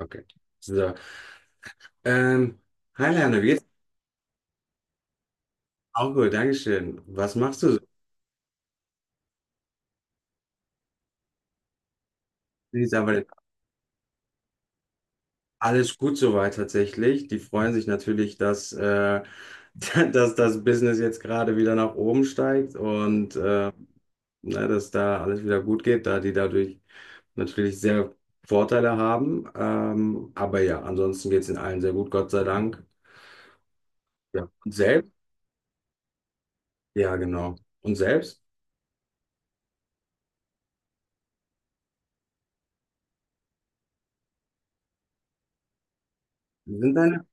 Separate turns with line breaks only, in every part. Okay. So. Ähm, Hi Lerner, wie geht's? Auch gut, Dankeschön. Was machst du so? Ich sag mal, alles gut soweit tatsächlich. Die freuen sich natürlich, dass das Business jetzt gerade wieder nach oben steigt und ne, dass da alles wieder gut geht, da die dadurch natürlich sehr Vorteile haben. Aber ja, ansonsten geht's in allen sehr gut, Gott sei Dank. Ja. Und selbst? Ja, genau. Und selbst? Sind deine?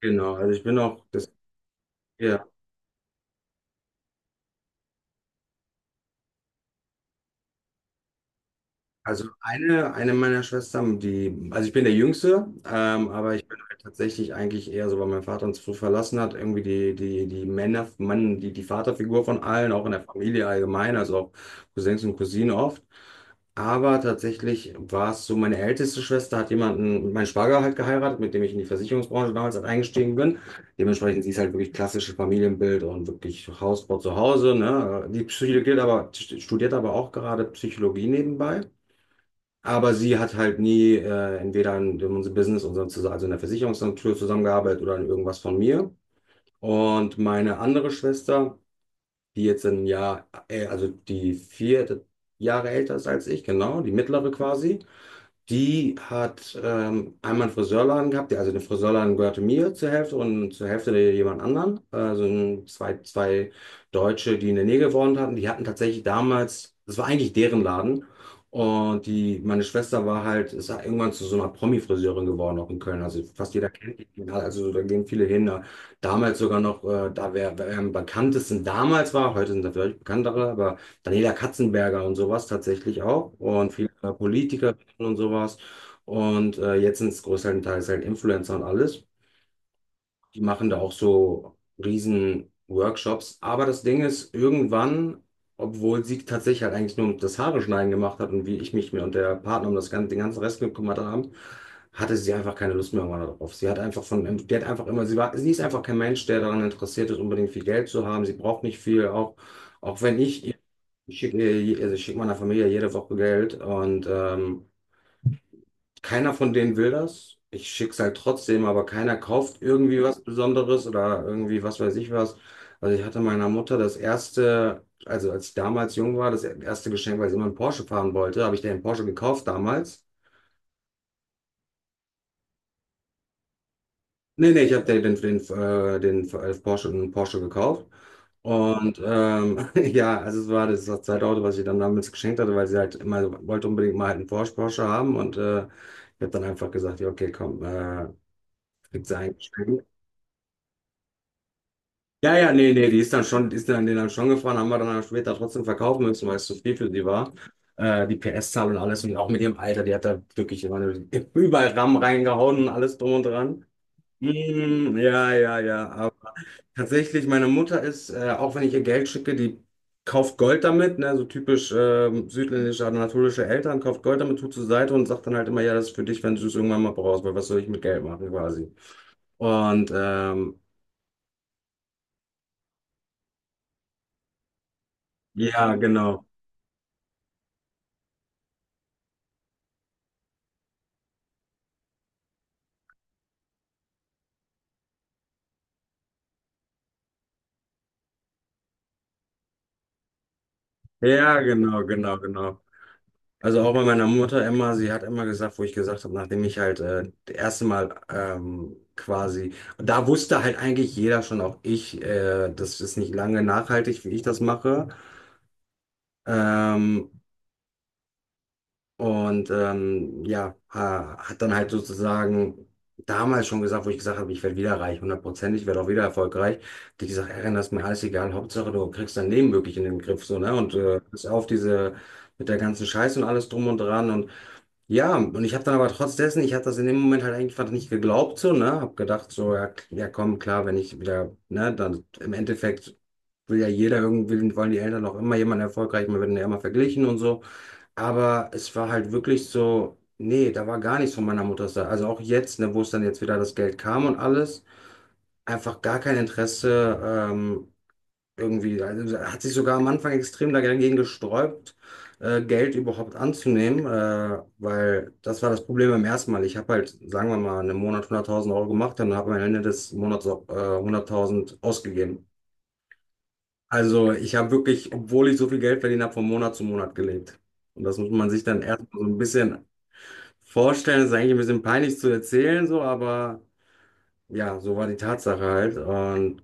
Genau, also ich bin auch das. Ja. Also eine meiner Schwestern, die, also ich bin der Jüngste, aber ich bin halt tatsächlich eigentlich eher so, weil mein Vater uns früh verlassen hat, irgendwie die Männer, Mann, die Vaterfigur von allen, auch in der Familie allgemein, also auch Cousins und Cousinen oft. Aber tatsächlich war es so, meine älteste Schwester hat jemanden, meinen Schwager halt geheiratet, mit dem ich in die Versicherungsbranche damals halt eingestiegen bin. Dementsprechend, sie ist halt wirklich klassisches Familienbild und wirklich Hausbau zu Hause, ne? Die studiert aber auch gerade Psychologie nebenbei. Aber sie hat halt nie entweder in unserem Business, unserem, Zus- also in der Versicherungsagentur zusammengearbeitet oder in irgendwas von mir. Und meine andere Schwester, die jetzt ein Jahr, also die vier Jahre älter ist als ich, genau, die mittlere quasi, die hat einmal einen Friseurladen gehabt, der- also der Friseurladen gehörte mir zur Hälfte und zur Hälfte jemand anderen. Also ein- zwei, zwei Deutsche, die in der Nähe gewohnt hatten, die hatten tatsächlich damals, das war eigentlich deren Laden. Und die, meine Schwester war halt, ist halt irgendwann zu so einer Promi-Friseurin geworden, auch in Köln. Also fast jeder kennt die, also da gehen viele hin. Da- damals sogar noch, da wer, wer am bekanntesten damals war, heute sind da vielleicht bekanntere, aber Daniela Katzenberger und sowas tatsächlich auch. Und viele Politiker und sowas. Jetzt sind es größtenteils Teils halt Influencer und alles. Die machen da auch so riesen Workshops. Aber das Ding ist, irgendwann, obwohl sie tatsächlich halt eigentlich nur das Haare schneiden gemacht hat und wie ich mich mir und der Partner um das ganze, den ganzen Rest gekümmert haben, hatte sie einfach keine Lust mehr irgendwann darauf. Sie hat einfach von, die hat einfach immer, sie war, sie ist einfach kein Mensch, der daran interessiert ist, unbedingt viel Geld zu haben. Sie braucht nicht viel, auch, auch wenn ich, ich schicke, ihr- also ich schicke meiner Familie jede Woche Geld und keiner von denen will das. Ich schick's halt trotzdem, aber keiner kauft irgendwie was Besonderes oder irgendwie was weiß ich was. Also ich hatte meiner Mutter das erste, also als ich damals jung war, das erste Geschenk, weil sie immer einen Porsche fahren wollte, habe ich den Porsche gekauft damals. Nee, nee, ich habe den Porsche, den Porsche gekauft. Ja, also es war das zweite Auto, was ich dann damals geschenkt hatte, weil sie halt immer so wollte unbedingt mal halt einen Porsche, Porsche haben. Ich habe dann einfach gesagt, ja, okay, komm, kriegt sie ein Geschenk. Ja, ja, nee, nee, die ist dann schon, die ist dann, die dann schon gefahren, haben wir dann auch später trotzdem verkaufen müssen, weil es zu viel für sie war. Die PS-Zahl und alles und auch mit ihrem Alter, die hat da wirklich immer nur- überall RAM reingehauen und alles drum und dran. Mm, ja, ja, ja. Aber tatsächlich, meine Mutter ist, auch wenn ich ihr Geld schicke, die kauft Gold damit, ne, so typisch südländische, anatolische Eltern, kauft Gold damit, tut zur Seite und sagt dann halt immer, ja, das ist für dich, wenn du es irgendwann mal brauchst, weil was soll ich mit Geld machen quasi. Und ähm, ja, genau. Ja, genau, genau, genau. Also auch bei meiner Mutter immer, sie hat immer gesagt, wo ich gesagt habe, nachdem ich halt das erste Mal quasi, da wusste halt eigentlich jeder schon, auch ich, das ist nicht lange nachhaltig, wie ich das mache. Ähm, ja, ha- hat dann halt sozusagen damals schon gesagt, wo ich gesagt habe, ich werde wieder reich, hundertprozentig, ich werde auch wieder erfolgreich. Die gesagt, Erin, das ist mir alles egal, Hauptsache du kriegst dein Leben wirklich in den Griff, so, ne? Bis auf diese, mit der ganzen Scheiße und alles drum und dran. Und ja, und ich habe dann aber trotz dessen, ich habe das in dem Moment halt eigentlich fast nicht geglaubt, so, ne? Hab gedacht, so, ja, k- ja komm, klar, wenn ich wieder, ne, dann im Endeffekt will ja jeder irgendwie, wollen die Eltern auch immer jemanden erfolgreich, man wird ja immer verglichen und so. Aber es war halt wirklich so, nee, da war gar nichts von meiner Mutter da. Also auch jetzt, ne, wo es dann jetzt wieder das Geld kam und alles, einfach gar kein Interesse, ähm, irgendwie, also hat sich sogar am Anfang extrem dagegen gesträubt, Geld überhaupt anzunehmen, weil das war das Problem beim ersten Mal. Ich habe halt, sagen wir mal, einen Monat 100.000 Euro gemacht und habe am Ende des Monats auch, 100.000 ausgegeben. Also ich habe wirklich, obwohl ich so viel Geld verdient habe, von Monat zu Monat gelebt. Und das muss man sich dann erstmal so ein bisschen vorstellen. Ist eigentlich ein bisschen peinlich zu erzählen, so, aber ja, so war die Tatsache halt. Und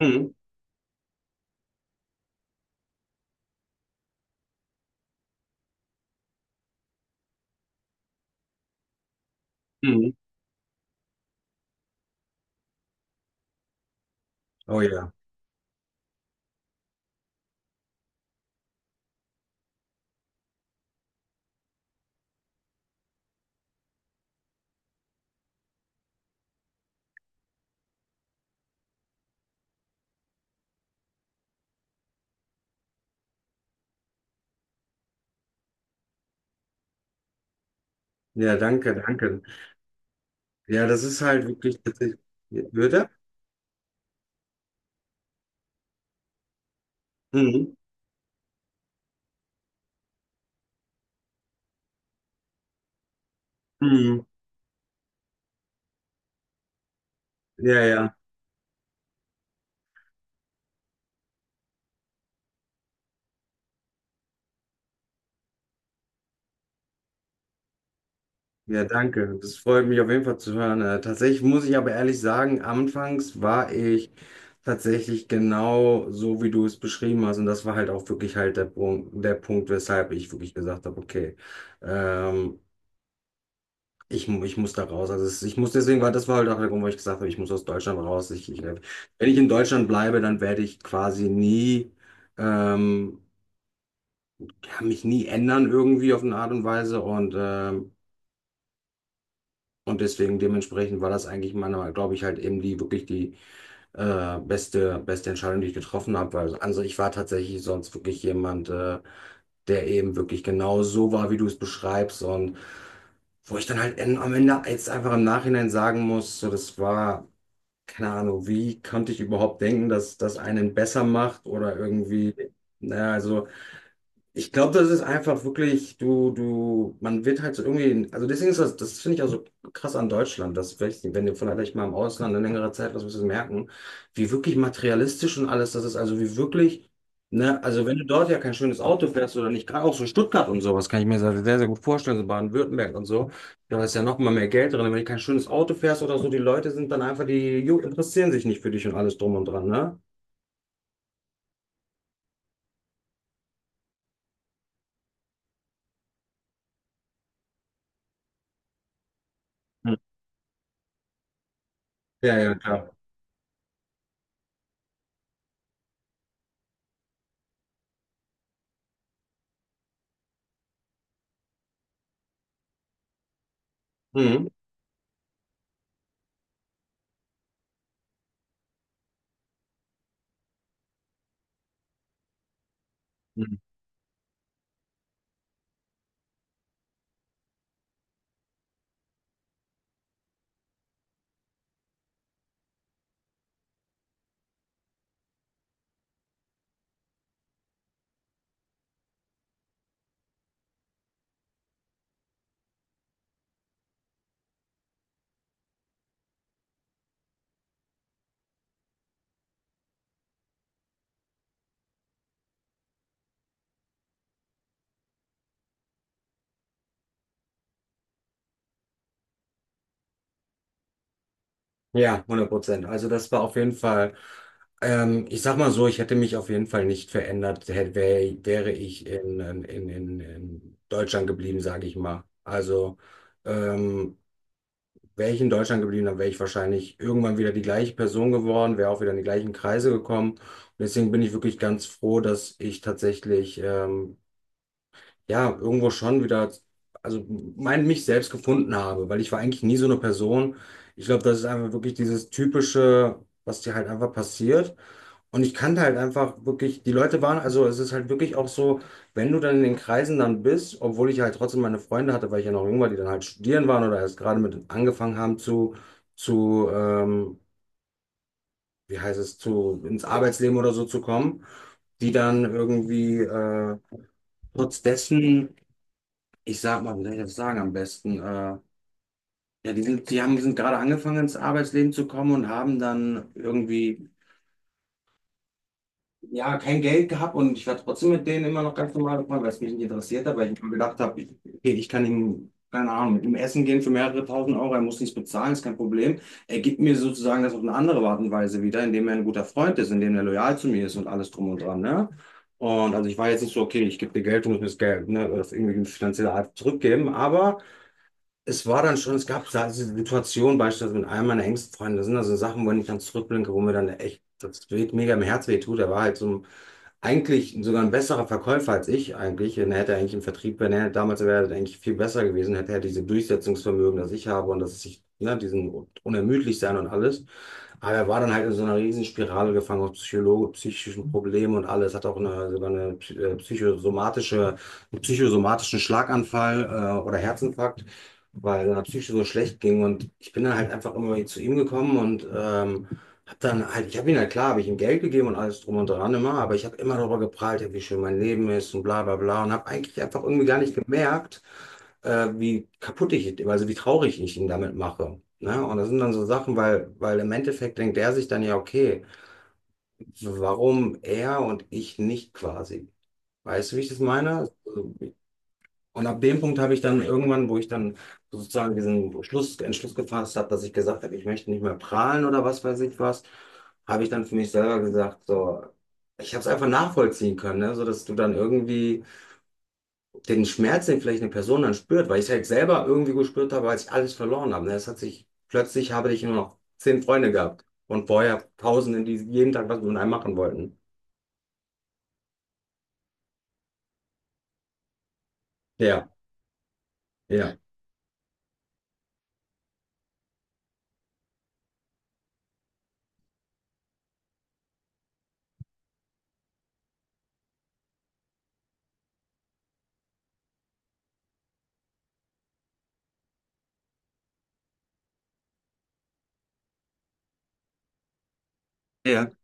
mhm. Mhm. Oh ja. Ja, danke, danke. Ja, das ist halt wirklich tatsächlich. Würde? Mhm. Mhm. Ja, ja. Ja, danke. Das freut mich auf jeden Fall zu hören. Tatsächlich muss ich aber ehrlich sagen, anfangs war ich tatsächlich genau so, wie du es beschrieben hast. Und das war halt auch wirklich halt der Punkt, weshalb ich wirklich gesagt habe, okay, ähm, ich muss da raus. Also es- ich muss deswegen, weil das war halt auch der Grund, wo ich gesagt habe, ich muss aus Deutschland raus. Wenn ich in Deutschland bleibe, dann werde ich quasi nie, ähm, ja, mich nie ändern irgendwie auf eine Art und Weise. Und deswegen dementsprechend war das eigentlich meiner Meinung, glaube ich, halt eben die wirklich die beste Entscheidung, die ich getroffen habe. Weil also ich war tatsächlich sonst wirklich jemand, der eben wirklich genau so war, wie du es beschreibst. Und wo ich dann halt en- am Ende jetzt einfach im Nachhinein sagen muss, so das war keine Ahnung, wie konnte ich überhaupt denken, dass das einen besser macht oder irgendwie, naja, also. Ich glaube, das ist einfach wirklich, man wird halt so irgendwie, also deswegen ist das, das finde ich auch so krass an Deutschland, dass vielleicht, wenn du vielleicht mal im Ausland eine längere Zeit was wirst du merken, wie wirklich materialistisch und alles das ist, also wie wirklich, ne, also wenn du dort ja kein schönes Auto fährst oder nicht, gerade auch so Stuttgart und sowas, kann ich mir sehr, sehr gut vorstellen, so Baden-Württemberg und so, da ist ja noch mal mehr Geld drin, wenn du kein schönes Auto fährst oder so, die Leute sind dann einfach, die ju- interessieren sich nicht für dich und alles drum und dran, ne? Hm. Ja, ja, klar. Mhm. Ja, hundert Prozent. Also das war auf jeden Fall, ich sag mal so, ich hätte mich auf jeden Fall nicht verändert, hätte, wär, wäre ich in Deutschland geblieben, sage ich mal. Also ähm, wäre ich in Deutschland geblieben, dann wäre ich wahrscheinlich irgendwann wieder die gleiche Person geworden, wäre auch wieder in die gleichen Kreise gekommen. Und deswegen bin ich wirklich ganz froh, dass ich tatsächlich ja, irgendwo schon wieder, also mein, mich selbst gefunden habe, weil ich war eigentlich nie so eine Person. Ich glaube, das ist einfach wirklich dieses typische, was dir halt einfach passiert. Und ich kannte halt einfach wirklich, die Leute waren, also es ist halt wirklich auch so, wenn du dann in den Kreisen dann bist, obwohl ich halt trotzdem meine Freunde hatte, weil ich ja noch jung war, die dann halt studieren waren oder erst gerade mit angefangen haben zu, zu, ähm, wie heißt es, zu, ins Arbeitsleben oder so zu kommen, die dann irgendwie, trotz dessen ich sag mal, wie soll ich das sagen am besten? Ja, die sind, die haben, die sind gerade angefangen ins Arbeitsleben zu kommen und haben dann irgendwie, ja, kein Geld gehabt und ich war trotzdem mit denen immer noch ganz normal befreundet, weil es mich nicht interessiert hat, weil ich mir gedacht habe, ich, okay, ich kann ihm, keine Ahnung, mit ihm essen gehen für mehrere tausend Euro, er muss nichts bezahlen, ist kein Problem. Er gibt mir sozusagen das auf eine andere Art und Weise wieder, indem er ein guter Freund ist, indem er loyal zu mir ist und alles drum und dran, ne? Und also ich war jetzt nicht so, okay, ich gebe dir Geld, du musst mir das Geld, ne, das irgendwie finanziell halt zurückgeben, aber es war dann schon, es gab da diese Situation beispielsweise mit einem meiner engsten Freunde, das sind also Sachen, wenn ich dann zurückblinke, wo mir dann echt das weht, mega im Herz weh tut. Er war halt so ein, eigentlich sogar ein besserer Verkäufer als ich eigentlich. Und er hätte eigentlich im Vertrieb, wenn er damals wäre, er eigentlich viel besser gewesen, hätte er diese Durchsetzungsvermögen, das ich habe und dass ich, ne, diesen unermüdlich sein und alles. Aber er war dann halt in so einer Riesenspirale gefangen aus Psycholo psychischen Problemen und alles. Hat auch eine, sogar eine psy- psychosomatische, einen psychosomatischen Schlaganfall oder Herzinfarkt, weil seiner Psyche so schlecht ging. Und ich bin dann halt einfach immer zu ihm gekommen und hab dann halt, ich habe ihm halt klar, habe ich ihm Geld gegeben und alles drum und dran immer, aber ich habe immer darüber geprahlt, ja, wie schön mein Leben ist und bla bla bla und habe eigentlich einfach irgendwie gar nicht gemerkt, wie kaputt ich, also wie traurig ich ihn damit mache. Ne? Und das sind dann so Sachen, weil im Endeffekt denkt er sich dann ja, okay, warum er und ich nicht quasi? Weißt du, wie ich das meine? Und ab dem Punkt habe ich dann irgendwann, wo ich dann sozusagen diesen Schluss, Entschluss gefasst habe, dass ich gesagt habe, ich möchte nicht mehr prahlen oder was weiß ich was, habe ich dann für mich selber gesagt, so, ich habe es einfach nachvollziehen können, ne? So dass du dann irgendwie den Schmerz, den vielleicht eine Person dann spürt, weil ich es halt selber irgendwie gespürt habe, als ich alles verloren habe. Ne? Es hat sich, plötzlich habe ich nur noch 10 Freunde gehabt und vorher Tausende, die jeden Tag was mit einem machen wollten. Ja, ja. Ja.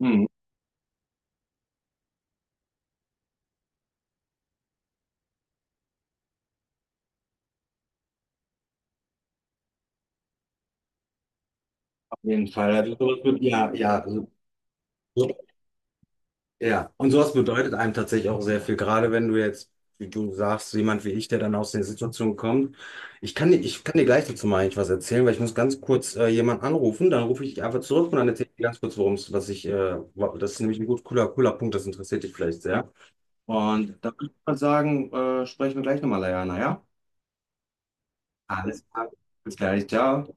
Mhm. Auf jeden Fall. Also sowas wird, ja, ja, also so. Ja, und sowas bedeutet einem tatsächlich auch sehr viel, gerade wenn du jetzt, wie du sagst, jemand wie ich, der dann aus der Situation kommt. Ich kann dir gleich dazu mal eigentlich was erzählen, weil ich muss ganz kurz jemanden anrufen, dann rufe ich dich einfach zurück und dann erzähle ich dir ganz kurz, worum es, was ich, wa- das ist nämlich ein gut cooler, cooler Punkt, das interessiert dich vielleicht sehr. Und dann würde ich mal sagen, sprechen wir gleich nochmal, Leana, ja? Alles klar. Bis gleich, ciao.